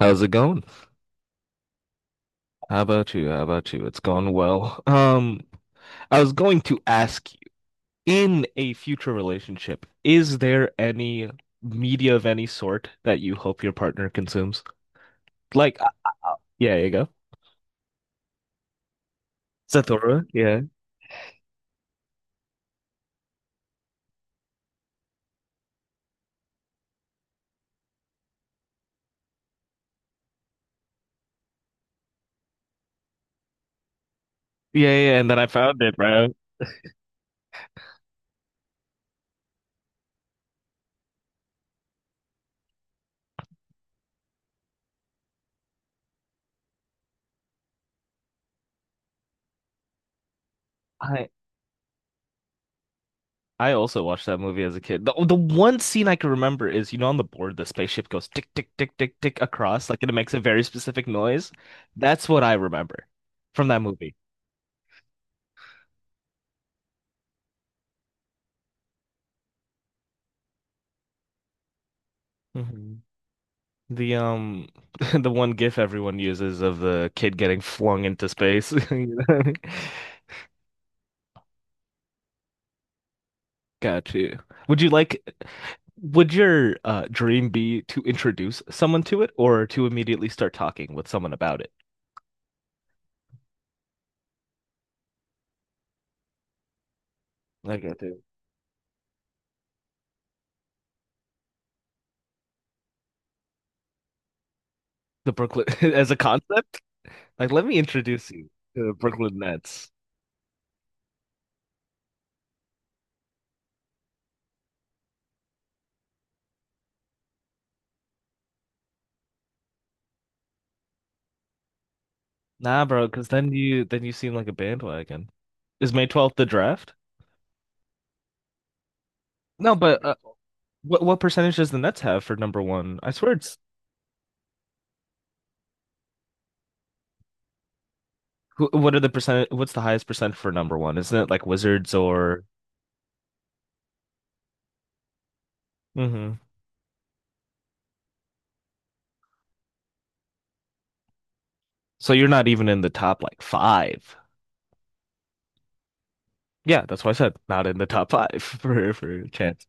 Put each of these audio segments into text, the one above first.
How's it going? How about you? How about you? It's gone well. I was going to ask you, in a future relationship, is there any media of any sort that you hope your partner consumes? Like, yeah, you go. Satoru, yeah. Yeah, yeah, and then I found it, bro. I I also watched that movie as a kid. The one scene I can remember is, on the board the spaceship goes tick tick tick tick tick across, like and it makes a very specific noise. That's what I remember from that movie. The the one GIF everyone uses of the kid getting flung into space. You know? Got you. Would you like would your dream be to introduce someone to it or to immediately start talking with someone about it? I got you. The Brooklyn as a concept? Like let me introduce you to the Brooklyn Nets. Nah, bro, because then you seem like a bandwagon. Is May 12th the draft? No, but what percentage does the Nets have for number one? I swear it's What are the percent? What's the highest percent for number one? Isn't it like Wizards or? Hmm. So you're not even in the top like five. Yeah, that's why I said not in the top five for chance.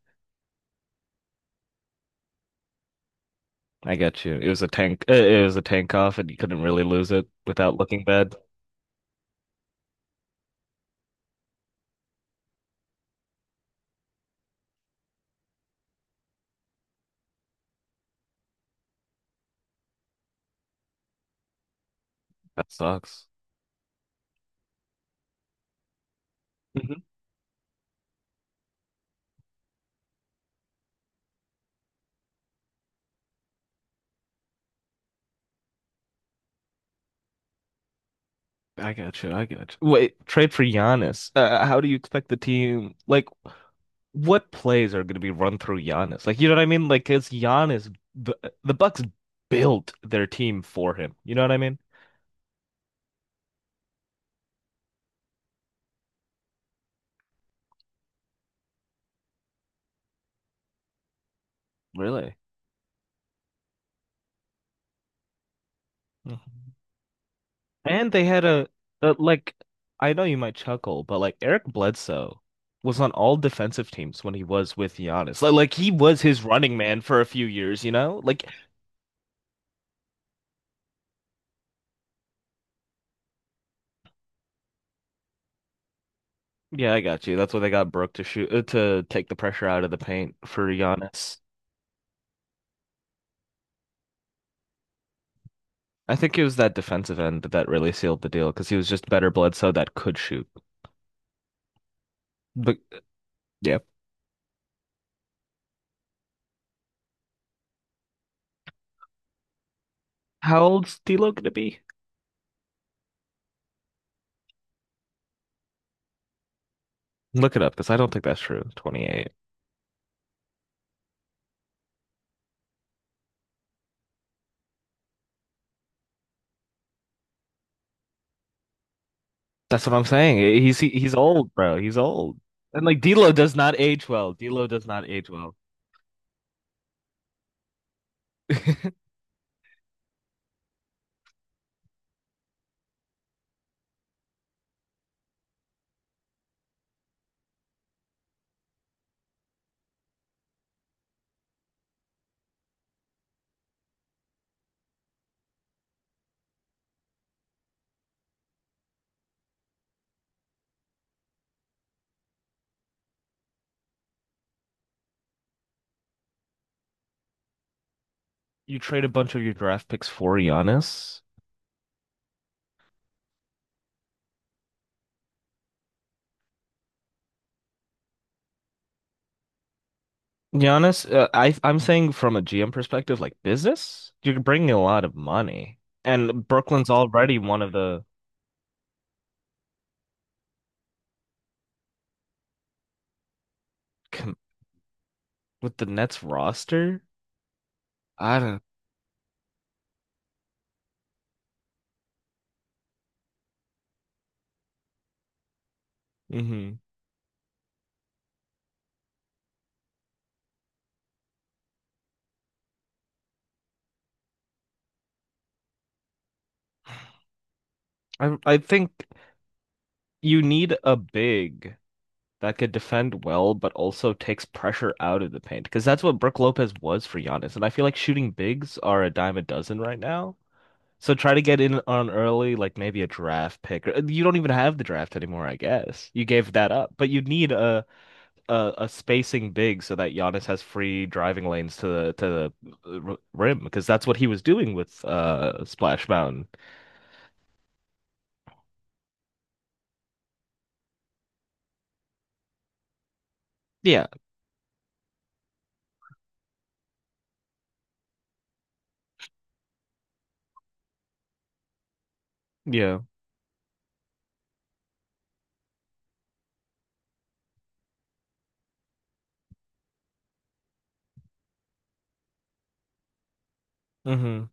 I got you. It was a tank. It was a tank off, and you couldn't really lose it without looking bad. That sucks. Hmm. I got you. I got you. Wait, trade for Giannis. How do you expect the team? Like, what plays are going to be run through Giannis? Like, you know what I mean? Like, it's Giannis. The Bucks built their team for him. You know what I mean? Really? Mhm. And they had a like I know you might chuckle, but like Eric Bledsoe was on all defensive teams when he was with Giannis. Like he was his running man for a few years, you know? Like yeah, I got you. That's why they got Brooke to shoot to take the pressure out of the paint for Giannis. I think it was that defensive end that really sealed the deal because he was just better Bledsoe that could shoot. But yeah. How old's D'Lo gonna be? Look it up because I don't think that's true. 28. That's what I'm saying. He's old, bro. He's old. And like D'Lo does not age well. D'Lo does not age well. You trade a bunch of your draft picks for Giannis. Giannis, I'm saying from a GM perspective, like business, you're bringing a lot of money, and Brooklyn's already one of the com with the Nets roster. I don't. Hmm. I think you need a big that could defend well, but also takes pressure out of the paint because that's what Brook Lopez was for Giannis. And I feel like shooting bigs are a dime a dozen right now. So try to get in on early, like maybe a draft pick. You don't even have the draft anymore, I guess. You gave that up, but you need a spacing big so that Giannis has free driving lanes to the rim because that's what he was doing with Splash Mountain. Yeah, yeah. Hmm.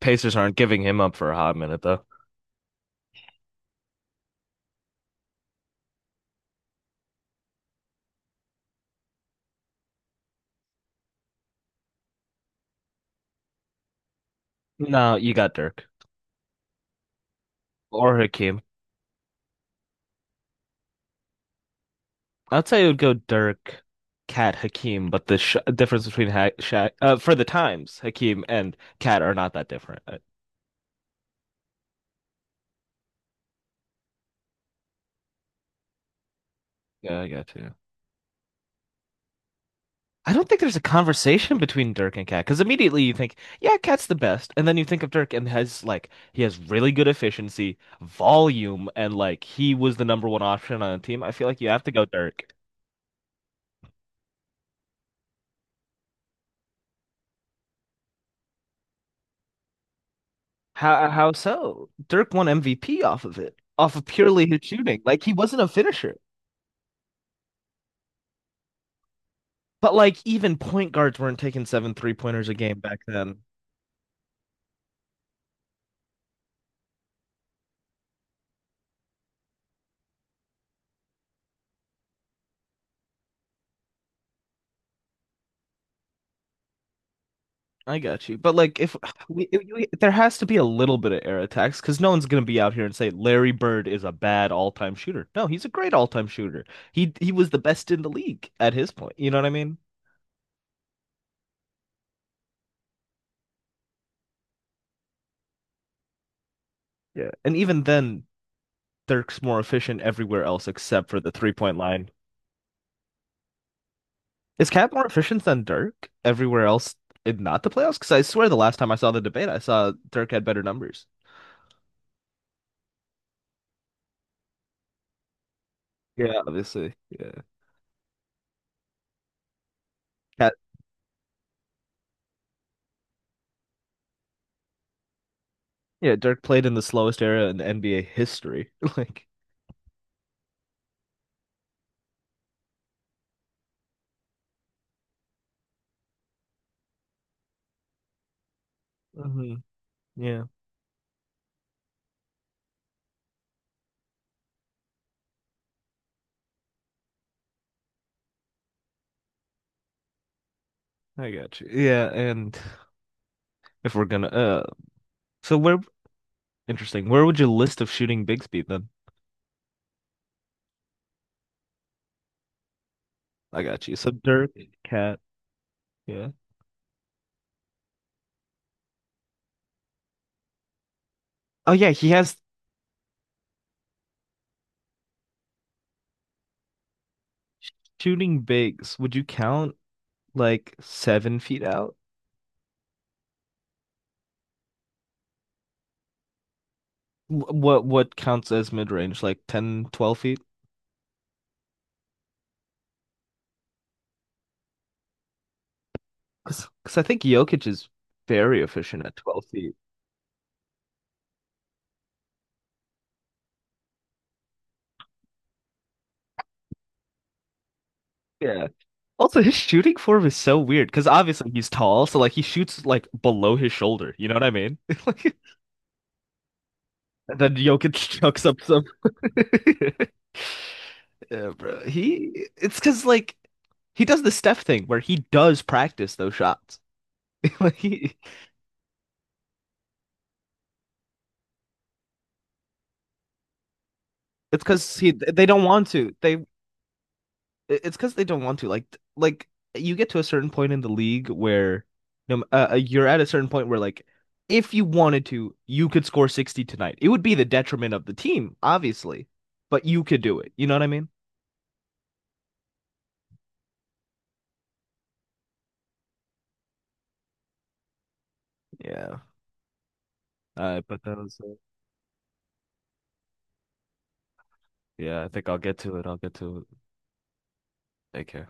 Pacers aren't giving him up for a hot minute though. No, you got Dirk. Or Hakeem. I'd say it would go Dirk, Cat, Hakeem, but the sh difference between ha Shaq, for the times, Hakeem and Cat are not that different. Yeah, I got you. I don't think there's a conversation between Dirk and Cat because immediately you think, yeah, Cat's the best, and then you think of Dirk and has like he has really good efficiency, volume, and like he was the number one option on a team. I feel like you have to go Dirk. How so? Dirk won MVP off of it, off of purely his shooting. Like he wasn't a finisher. But like even point guards weren't taking seven three pointers a game back then. I got you. But like if we there has to be a little bit of air attacks because no one's gonna be out here and say Larry Bird is a bad all-time shooter. No, he's a great all-time shooter. He was the best in the league at his point. You know what I mean? Yeah. And even then, Dirk's more efficient everywhere else except for the three-point line. Is Cat more efficient than Dirk everywhere else in not the playoffs? Because I swear the last time I saw the debate, I saw Dirk had better numbers. Yeah, obviously. Yeah. Cat Yeah, Dirk played in the slowest era in NBA history. Like, hmm yeah, I got you. Yeah, and if we're gonna, so where, interesting, where would you list of shooting bigs be then? I got you. So Dirk, Cat, yeah. Oh yeah, he has shooting bigs. Would you count like 7 feet out? What counts as mid range? Like ten, twelve 12 feet? Because I think Jokic is very efficient at 12 feet. Yeah. Also, his shooting form is so weird because obviously he's tall, so like he shoots like below his shoulder. You know what I mean? Like, and then Jokic chucks up some. Yeah, bro. He It's because like he does the Steph thing where he does practice those shots. Like he, it's because he they don't want to. It's because they don't want to. Like, you get to a certain point in the league where, no, you're at a certain point where like, if you wanted to, you could score 60 tonight. It would be the detriment of the team, obviously, but you could do it. You know what I mean? Yeah. But that was yeah, I think I'll get to it. I'll get to it. Take care.